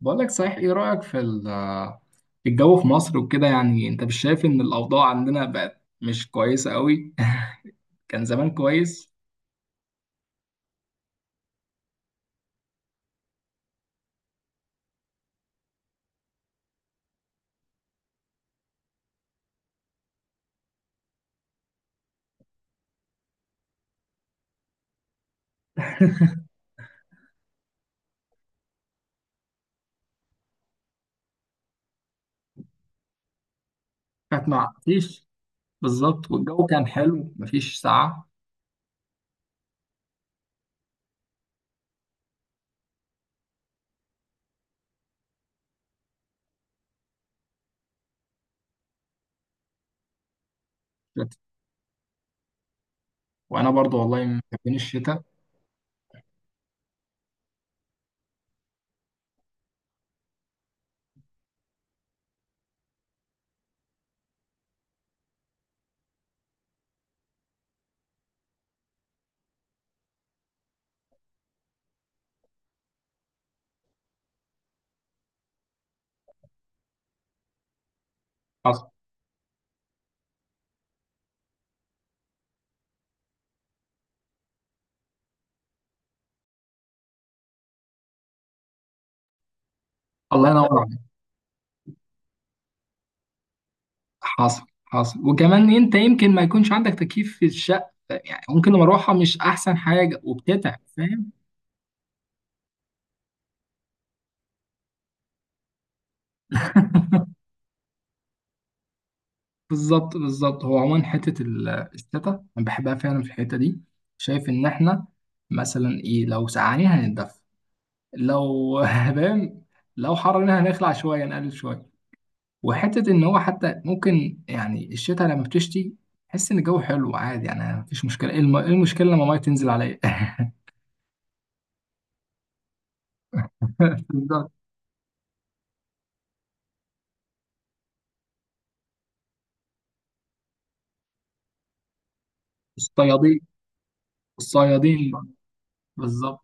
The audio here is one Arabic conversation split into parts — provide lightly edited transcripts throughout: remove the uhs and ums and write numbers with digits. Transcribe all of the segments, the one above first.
بقول لك صحيح، ايه رأيك في في الجو في مصر وكده؟ يعني انت مش شايف ان الاوضاع عندنا بقت مش كويسة قوي؟ كان زمان كويس. كانت ما فيش، بالظبط، والجو كان حلو، مفيش ساعة. وانا برضو والله من محبين الشتاء. حصل. الله ينور عليك. حصل، حصل. وكمان انت يمكن ما يكونش عندك تكييف في الشقه، يعني ممكن المروحه مش احسن حاجه وبتتعب، فاهم؟ بالظبط بالظبط. هو عموما حته الشتا انا بحبها فعلا في الحته دي. شايف ان احنا مثلا ايه؟ لو سقعانين هنتدفى، لو فاهم، لو حرنا هنخلع شويه، نقلل شويه. وحته ان هو حتى ممكن يعني الشتاء لما بتشتي تحس ان الجو حلو عادي، يعني مفيش مشكله. ايه إيه المشكله لما الميه تنزل عليا؟ بالظبط. الصيادين، الصيادين. بالظبط.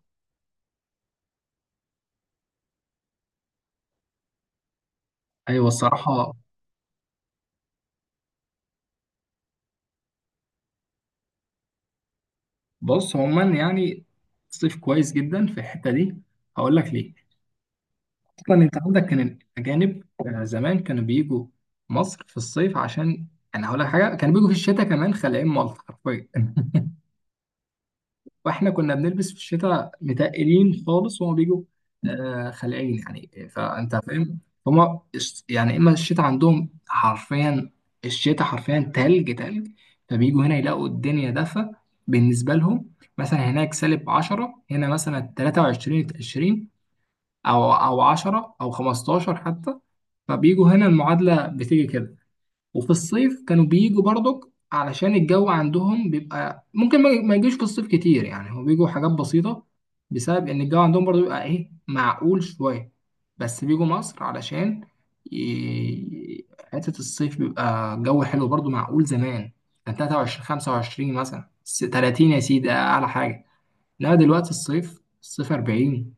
ايوه، الصراحه. بص عموما يعني صيف كويس جدا في الحته دي. هقول لك ليه. اصلا انت عندك كان الاجانب زمان كانوا بيجوا مصر في الصيف، عشان انا هقول لك حاجه، كانوا بيجوا في الشتاء كمان، خلاين مالطا حرفيا. واحنا كنا بنلبس في الشتاء متقلين خالص وهما بيجوا خلقين، يعني فانت فاهم. هما يعني اما الشتاء عندهم حرفيا، الشتاء حرفيا تلج. فبيجوا هنا يلاقوا الدنيا دفا بالنسبة لهم. مثلا هناك سالب 10، هنا مثلا 23، 20 او او 10 او 15 حتى. فبيجوا هنا، المعادلة بتيجي كده. وفي الصيف كانوا بيجوا برضك علشان الجو عندهم بيبقى ممكن ما يجيش في الصيف كتير. يعني هو بيجوا حاجات بسيطة بسبب إن الجو عندهم برضو بيبقى إيه معقول شوية، بس بيجوا مصر علشان ي- حتة الصيف بيبقى الجو حلو برضو معقول. زمان كان 23، 25 مثلا، 30 يا سيدي أعلى حاجة. لا دلوقتي الصيف، الصيف 40.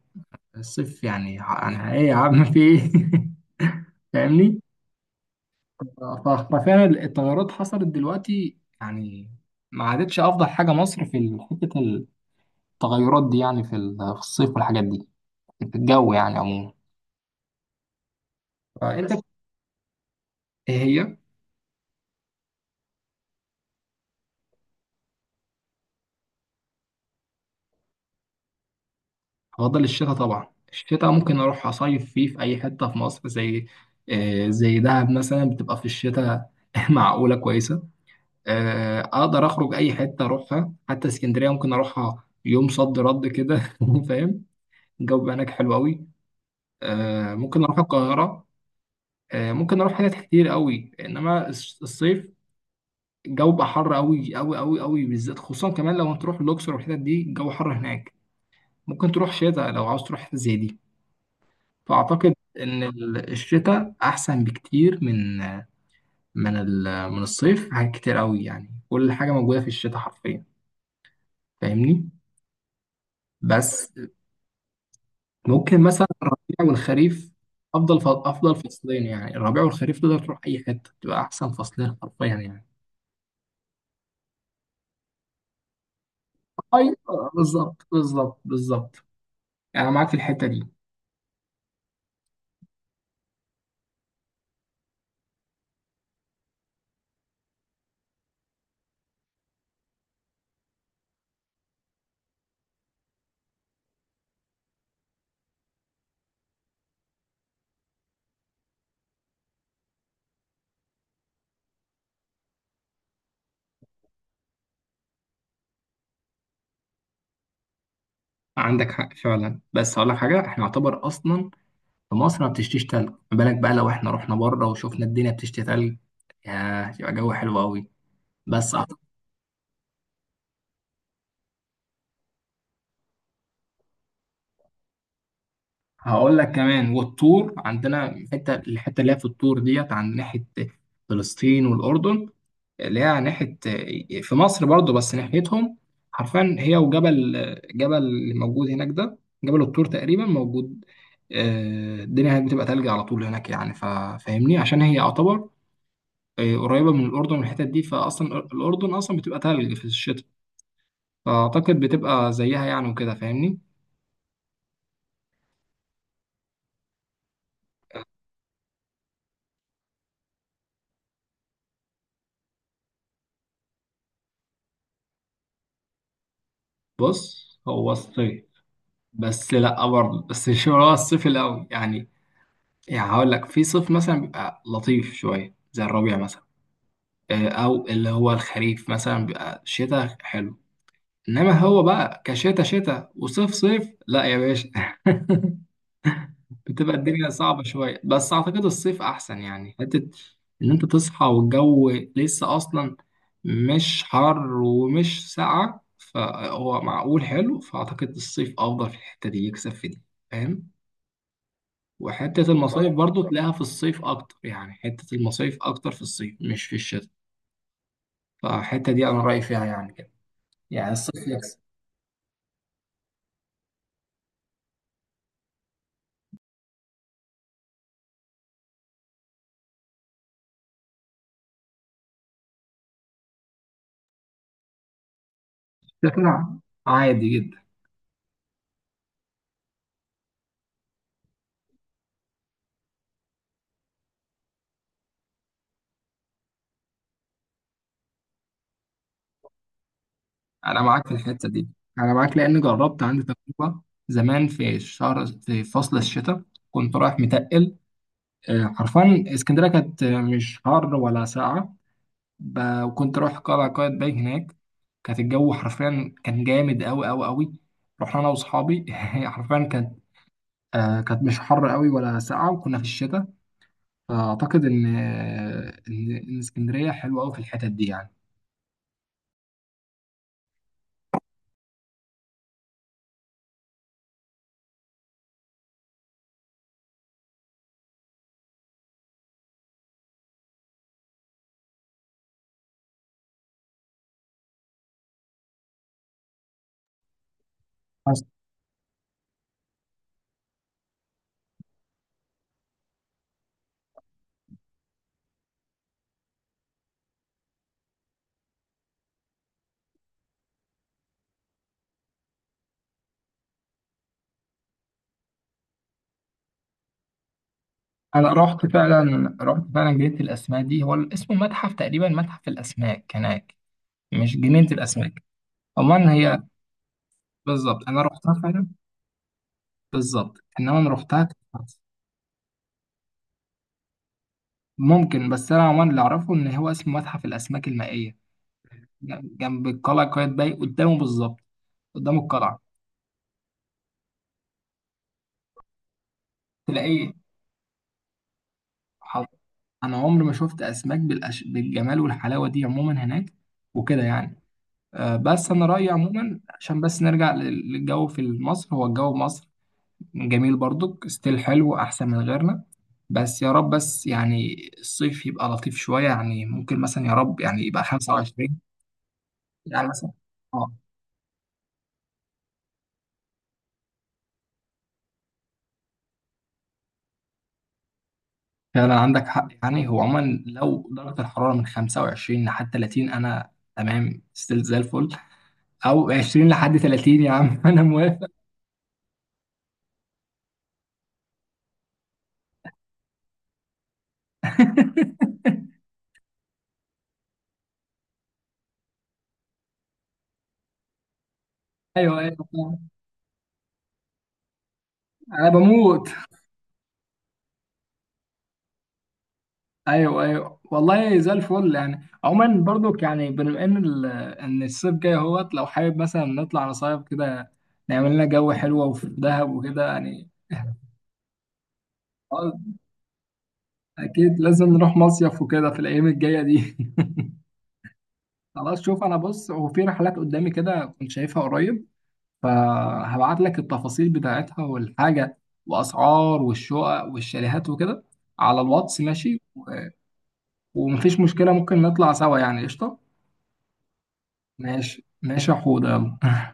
الصيف يعني يعني إيه يا عم، في إيه؟ فاهمني؟ ف- ففعلا التغيرات حصلت دلوقتي يعني. ما عادتش افضل حاجه مصر في حته التغيرات دي، يعني في في الصيف والحاجات دي، في الجو يعني عموما. فانت ايه هي؟ افضل الشتاء طبعا. الشتاء ممكن اروح اصيف فيه في اي حته في مصر، زي زي دهب مثلا بتبقى في الشتاء معقوله كويسه. اقدر اخرج اي حته اروحها، حتى اسكندريه ممكن اروحها يوم صد رد كده، فاهم؟ الجو بيبقى هناك حلو قوي. ممكن اروح القاهره، ممكن نروح حتت كتير قوي. انما الصيف الجو بقى حر قوي قوي قوي قوي، بالذات خصوصا كمان لو هتروح الاقصر والحتت دي، الجو حر هناك. ممكن تروح شتاء لو عاوز تروح حتة زي دي. فاعتقد ان الشتاء احسن بكتير من من من الصيف في حاجات كتير قوي. يعني كل حاجه موجوده في الشتاء حرفيا، فاهمني؟ بس ممكن مثلا الربيع والخريف افضل افضل فصلين. يعني الربيع والخريف تقدر تروح اي حته، تبقى احسن فصلين حرفيا يعني. ايوه بالظبط بالظبط بالظبط. يعني انا معاك في الحته دي. عندك حق فعلا. بس هقول لك حاجه، احنا يعتبر اصلا في مصر ما بتشتيش تلج، ما بالك بقى لو احنا رحنا بره وشفنا الدنيا بتشتي تلج؟ يا يبقى جو حلو قوي. بس هقول لك كمان، والطور عندنا حته، الحته اللي هي في الطور ديت عند ناحيه فلسطين والاردن، اللي هي على ناحية في مصر برضو بس ناحيتهم، حرفيا هي وجبل، جبل اللي موجود هناك ده، جبل الطور تقريبا موجود. الدنيا هناك بتبقى تلج على طول هناك يعني، فاهمني، عشان هي يعتبر قريبة من الأردن والحتت دي. فأصلا الأردن أصلا بتبقى تلج في الشتاء، فأعتقد بتبقى زيها يعني وكده، فاهمني؟ بص هو الصيف، بس لأ برضه، بس مش هو الصيف الأول يعني. يعني هقول لك في صيف مثلا بيبقى لطيف شوية زي الربيع مثلا، او اللي هو الخريف مثلا بيبقى شتاء حلو. انما هو بقى كشتاء شتاء وصيف صيف، لا يا باشا. بتبقى الدنيا صعبة شوية. بس اعتقد الصيف احسن، يعني حتة ان انت تصحى والجو لسه اصلا مش حر ومش ساقعة، فهو معقول حلو. فاعتقد الصيف افضل في الحتة دي، يكسب في دي، فاهم؟ وحتة المصايف برضو تلاقيها في الصيف اكتر، يعني حتة المصايف اكتر في الصيف مش في الشتاء. فالحتة دي انا رأيي فيها يعني كده، يعني الصيف يكسب. الشتاء عادي جدا. انا معاك في الحته دي. انا معاك لان جربت عندي تجربه زمان في الشهر في فصل الشتاء. كنت رايح متقل، حرفيا اسكندريه كانت مش حر ولا ساقعه. وكنت رايح قلعه قايتباي هناك، كانت الجو حرفيا كان جامد قوي قوي قوي. رحنا انا واصحابي. حرفيا كانت كانت مش حر قوي ولا ساقعه، وكنا في الشتاء. فاعتقد ان إن اسكندريه حلوه قوي في الحتت دي يعني. انا رحت فعلا، رحت فعلا جنينة الاسماك دي، هو اسمه متحف تقريبا، متحف الاسماك هناك، مش جنينة الاسماك. عموما هي بالظبط، انا رحتها فعلا. بالظبط، انما انا رحتها كانت فرنسا. ممكن، بس انا عموما اللي اعرفه ان هو اسمه متحف الاسماك المائية، جنب القلعة قايتباي، قدامه بالظبط، قدام القلعة، تلاقيه. حاضر. انا عمري ما شفت اسماك بالجمال والحلاوه دي عموما هناك وكده يعني. أه بس انا رايي عموما، عشان بس نرجع للجو في مصر، هو الجو في مصر جميل برضك، ستيل حلو احسن من غيرنا. بس يا رب، بس يعني الصيف يبقى لطيف شوية، يعني ممكن مثلا يا رب يعني يبقى اه 25. يعني مثلا اه فعلا عندك حق. يعني هو عموما لو درجة الحرارة من 25 لحد 30 انا تمام ستيل زي الفل، او 20 لحد 30 يا عم انا موافق. ايوه ايوه فعلاً. انا بموت. ايوه ايوه والله زي الفل. يعني عموما برضو، يعني بما ان ان الصيف جاي اهوت، لو حابب مثلا نطلع نصيف كده، نعمل لنا جو حلو وفي دهب وكده يعني. خلاص، اكيد لازم نروح مصيف وكده في الايام الجايه دي. خلاص شوف، انا بص هو في رحلات قدامي كده كنت شايفها قريب، فهبعت لك التفاصيل بتاعتها والحاجه، واسعار والشقق والشاليهات وكده، على الواتس، ماشي؟ ومفيش مشكله، ممكن نطلع سوا يعني، قشطه. ماشي ماشي يا حوده، يلا.